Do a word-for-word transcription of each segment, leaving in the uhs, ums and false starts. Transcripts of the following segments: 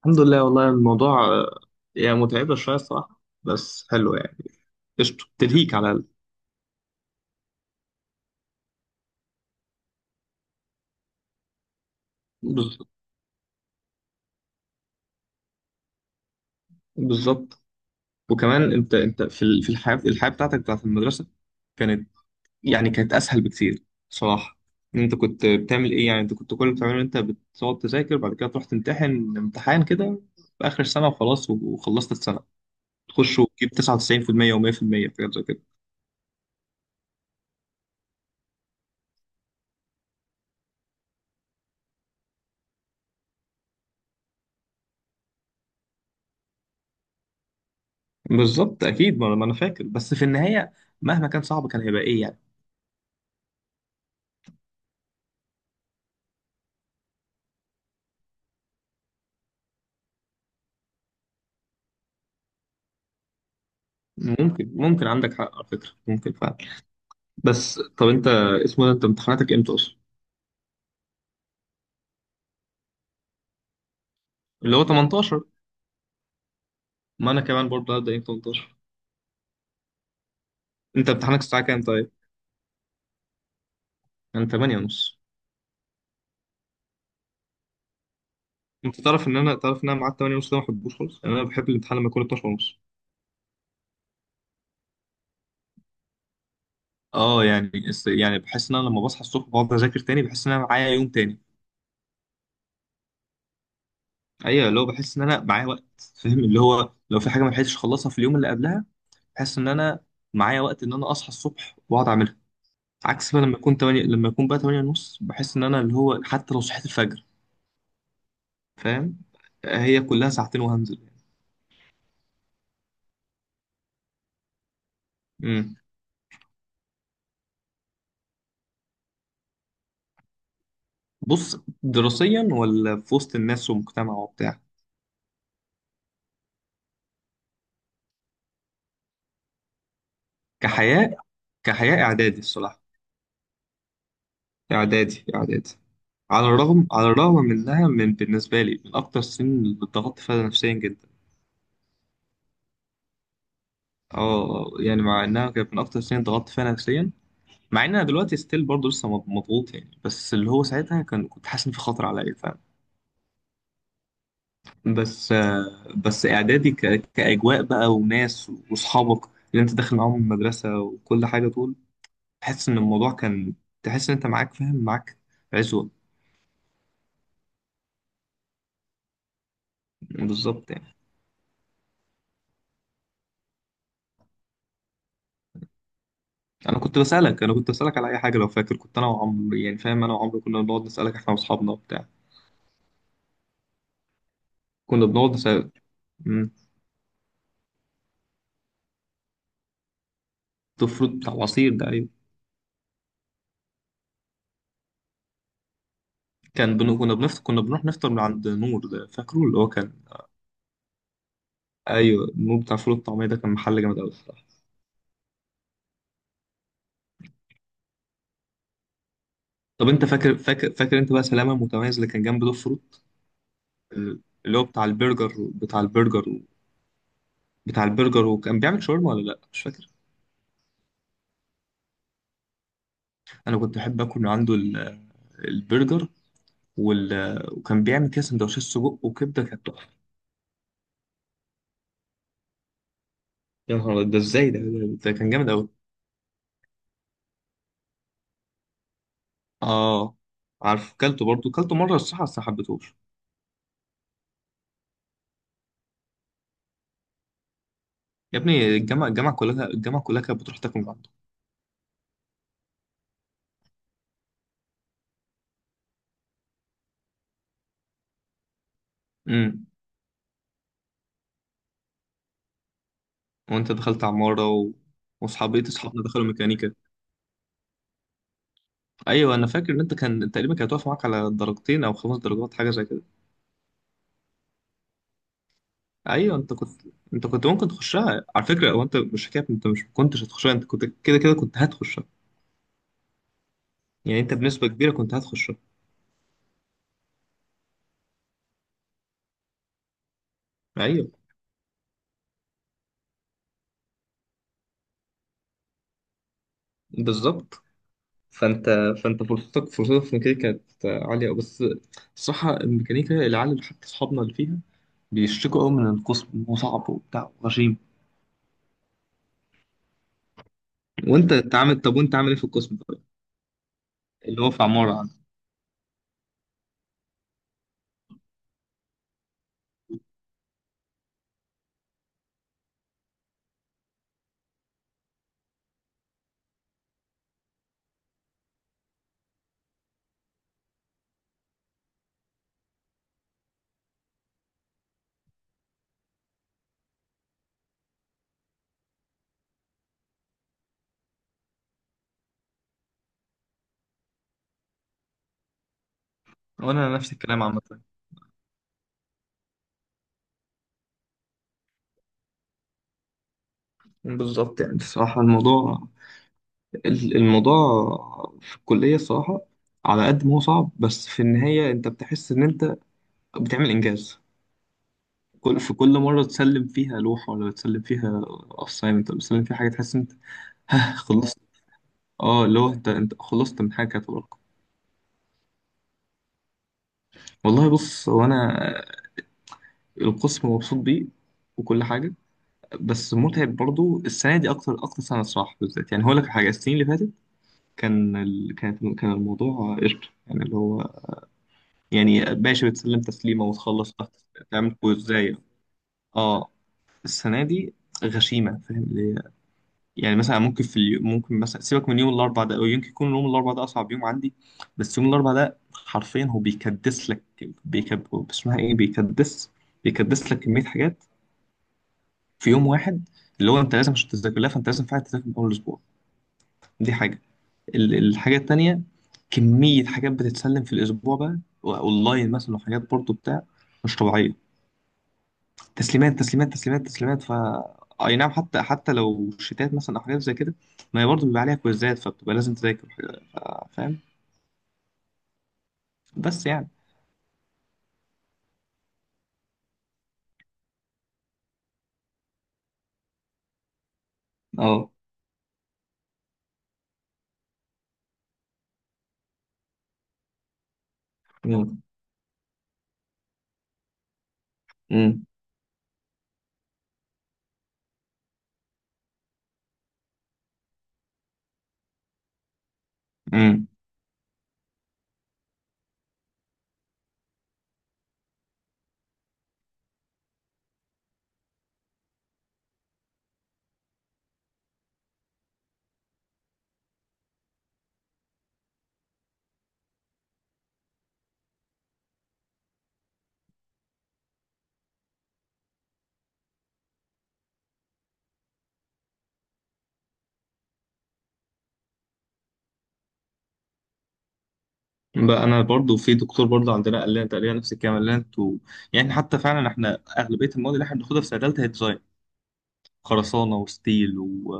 الحمد لله والله الموضوع آه، يعني متعبة شوية الصراحة بس حلو يعني قشطة تلهيك على ال- بز- بالظبط. وكمان انت انت في ال- في الحياة الحياة بتاعتك بتاعت المدرسة كانت، يعني كانت أسهل بكتير صراحة. إن انت كنت بتعمل ايه يعني؟ انت كنت كل اللي بتعمله إن انت بتقعد تذاكر بعد كده تروح تمتحن امتحان كده في آخر السنة وخلاص و- وخلصت السنة. تخش وتجيب تسعة وتسعين في المية و100% في المية في حاجات زي كده. بالظبط، أكيد. ما ما أنا فاكر، بس في النهاية مهما كان صعب كان هيبقى ايه يعني؟ ممكن ممكن عندك حق على فكرة، ممكن فعلا. بس طب انت، اسمه ده، انت امتحاناتك امتى اصلا؟ اللي هو تمنتاشر. ما انا كمان برضه هبدأ يوم ثمانية عشر. انت امتحانك الساعة كام طيب؟ انا تمانية ونص. انت تعرف ان انا تعرف ان انا معاد تمانية ونص ده ما بحبوش خالص، يعني انا بحب الامتحان لما يكون اتناشر ونص. اه يعني اس- يعني بحس ان انا لما بصحى الصبح بقعد اذاكر تاني بحس ان انا معايا يوم تاني. ايوه، اللي هو بحس ان انا معايا وقت. فاهم اللي هو لو في حاجة ما لحقتش اخلصها في اليوم اللي قبلها بحس ان انا معايا وقت ان انا اصحى الصبح واقعد اعملها. عكس بقى لما اكون تمانية لما اكون بقى تمانية ونص بحس ان انا اللي هو حتى لو صحيت الفجر. فاهم، هي كلها ساعتين وهنزل. امم بص، دراسيا ولا في وسط الناس ومجتمع وبتاع؟ كحياة، كحياة اعدادي الصراحة. اعدادي، اعدادي. على الرغم على الرغم من انها من بالنسبة لي من اكتر السنين اللي اتضغطت فيها نفسيا جدا. اه يعني مع انها كانت من اكتر السنين ضغطت فيها نفسيا، مع ان انا دلوقتي ستيل برضه لسه مض- مضغوط يعني، بس اللي هو ساعتها كان كنت حاسس ان في خطر عليا. بس آه، بس اعدادي ك- كاجواء بقى وناس واصحابك اللي انت داخل معاهم المدرسه وكل حاجه. طول تحس ان الموضوع كان، تحس ان انت معاك، فاهم؟ معاك عزوه. بالظبط يعني. انا كنت بسالك انا كنت بسالك على اي حاجه لو فاكر، كنت انا وعمرو، يعني فاهم، انا وعمرو كنا بنقعد نسالك احنا واصحابنا وبتاع. كنا بنقعد نسال. مم. ده الفروت بتاع العصير ده، ايوه. كان بن... كنا بنفطر كنا بنروح نفطر من عند نور، ده فاكره اللي هو كان. ايوه، نور بتاع فول الطعميه ده كان محل جامد قوي. طب انت فاكر، فاكر فاكر انت بقى سلامه المتميز اللي كان جنب دوب فروت؟ اللي هو بتاع البرجر بتاع البرجر بتاع البرجر، وكان بيعمل شاورما ولا لا، مش فاكر. انا كنت بحب اكل من عنده ال- البرجر وال... وكان بيعمل كده سندوتشات سجق وكبده كانت تحفه. يا نهار أبيض، ده ازاي، ده ده ده كان جامد قوي. اه، عارف. كلته برضه كلته مره الصراحه، بس ما حبيتهوش. يا ابني الجامعه، الجامعه كلها الجامعه كلها كانت بتروح تاكل من عنده. امم وانت دخلت عماره و... واصحابي اصحابنا دخلوا ميكانيكا. ايوه انا فاكر ان انت كان تقريبا كانت واقفه معاك على درجتين او خمس درجات، حاجه زي كده. ايوه انت كنت انت كنت ممكن تخشها على فكره. هو انت مش حكايه انت مش كنتش هتخشها، انت كنت كده كده كنت هتخشها. يعني انت بنسبه كبيره كنت هتخشها. ايوه بالظبط. فانت فانت فرصتك فرصتك في الميكانيكا كانت عاليه. بس الصراحه الميكانيكا، العيال اللي حتى اصحابنا اللي فيها بيشتكوا قوي من القسم إن هو صعب وبتاع وغشيم. وانت تعمل طب؟ وانت عامل ايه في القسم طيب، اللي هو في عماره عندك؟ وانا نفس الكلام عامه. بالظبط، يعني الصراحة الموضوع، ال- الموضوع في الكلية، الصراحة على قد ما هو صعب بس في النهاية أنت بتحس إن أنت بتعمل إنجاز. كل في كل مرة تسلم فيها لوحة ولا تسلم فيها assignment ولا تسلم فيها حاجة تحس أنت. ها، خلصت. أه، اللي هو أنت أنت خلصت من حاجة كانت وراك. والله بص، هو أنا القسم مبسوط بيه وكل حاجة، بس متعب برضو السنة دي أكتر، أكتر سنة الصراحة بالذات. يعني هقول لك حاجة، السنين اللي فاتت كان ال... كانت كان الموضوع قشطة يعني، اللي هو يعني ماشي بتسلم تسليمه وتخلص، لا، تعمل كويزايه. اه، السنه دي غشيمه، فاهم؟ اللي هي يعني مثلا ممكن في اليوم ممكن مثلا سيبك من يوم الاربع ده، او يمكن يكون يوم الاربع ده اصعب يوم عندي. بس يوم الاربع ده حرفيا هو بيكدس لك، بيكب اسمها ايه بيكدس بيكدس لك كميه حاجات في يوم واحد. اللي هو انت لازم عشان تذاكر لها فانت لازم فعلا تذاكر من اول اسبوع. دي حاجه. ال- الحاجه التانيه، كميه حاجات بتتسلم في الاسبوع بقى اونلاين مثلا، وحاجات برضو بتاع، مش طبيعيه. تسليمات تسليمات تسليمات تسليمات، ف اي نعم، حتى حتى لو شتات مثلا او حاجات زي كده، ما هي برضه بيبقى عليها كويزات فبتبقى لازم تذاكر. ف- فاهم؟ بس يعني. اه. مم. مم. مم. بقى انا برضه في دكتور برضه عندنا قال لنا تقريبا نفس الكلام، قال لنا انتوا يعني حتى فعلا احنا اغلبيه المواد اللي احنا بناخدها في سنه ثالثه هي ديزاين، خرسانه وستيل و...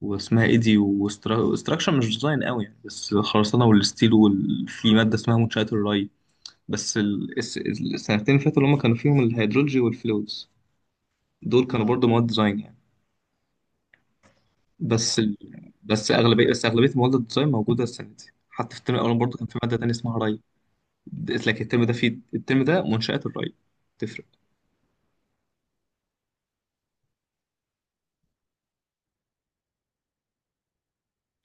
واسمها ايه دي، واستراكشر مش ديزاين قوي يعني، بس خرسانه والستيل، وفي ماده اسمها منشات الري. بس ال- الس- السنتين اللي فاتوا اللي هم كانوا فيهم الهيدرولوجي والفلويدز دول كانوا برضو مواد ديزاين يعني. بس ال... بس اغلبيه بس اغلبيه مواد الديزاين موجوده السنه دي. حتى في الترم الاول برضو كان في ماده تانية اسمها ري، لكن الترم ده في الترم ده منشات الري، تفرق.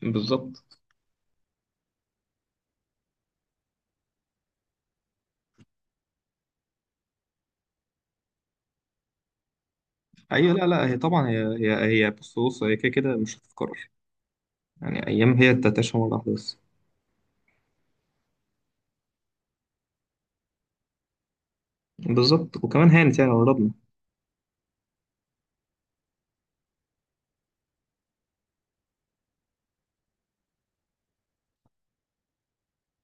بالظبط. ايوه لا لا، هي طبعا، هي هي هي بص بص، هي كده كده مش هتتكرر، يعني ايام هي تتعيش مره واحده بس. بالظبط، وكمان هانت يعني قربنا.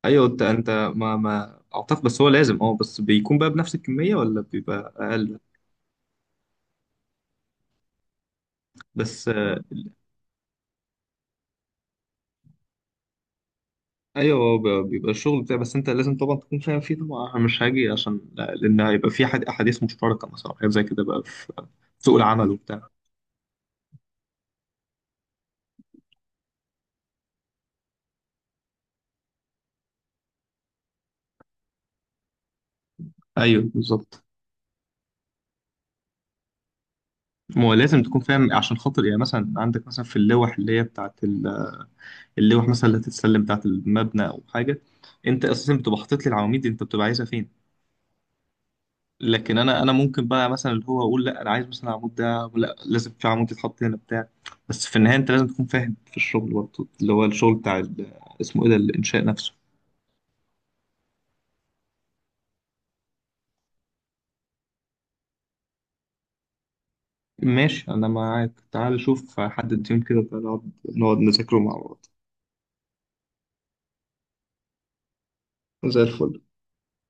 ايوه انت انت، ما ما اعتقد، بس هو لازم، اه بس بيكون بقى بنفس الكميه ولا بيبقى اقل؟ بس ايوه، هو بي- بيبقى الشغل بتاعي، بس انت لازم طبعا تكون فاهم فيه طبعا. انا مش هاجي عشان لا- لان هيبقى في حد، احاديث مشتركه مثلا حاجات زي كده بقى، في سوق العمل وبتاع. ايوه بالظبط. ما هو لازم تكون فاهم عشان خاطر، يعني مثلا عندك مثلا في اللوح اللي هي بتاعت ال- اللوح مثلا اللي هتتسلم بتاعت المبنى او حاجه، انت اساسا بتبقى حاطط لي العواميد دي، انت بتبقى عايزها فين. لكن انا انا ممكن بقى مثلا اللي هو اقول، لا انا عايز مثلا العمود ده، لا لازم في عمود يتحط هنا بتاع. بس في النهايه انت لازم تكون فاهم في الشغل برضه، اللي هو الشغل بتاع ال- اسمه ايه ده، الانشاء نفسه. ماشي، أنا معاك، تعال شوف حدد يوم كده نقعد، نقعد نذاكره مع بعض. زي الفل.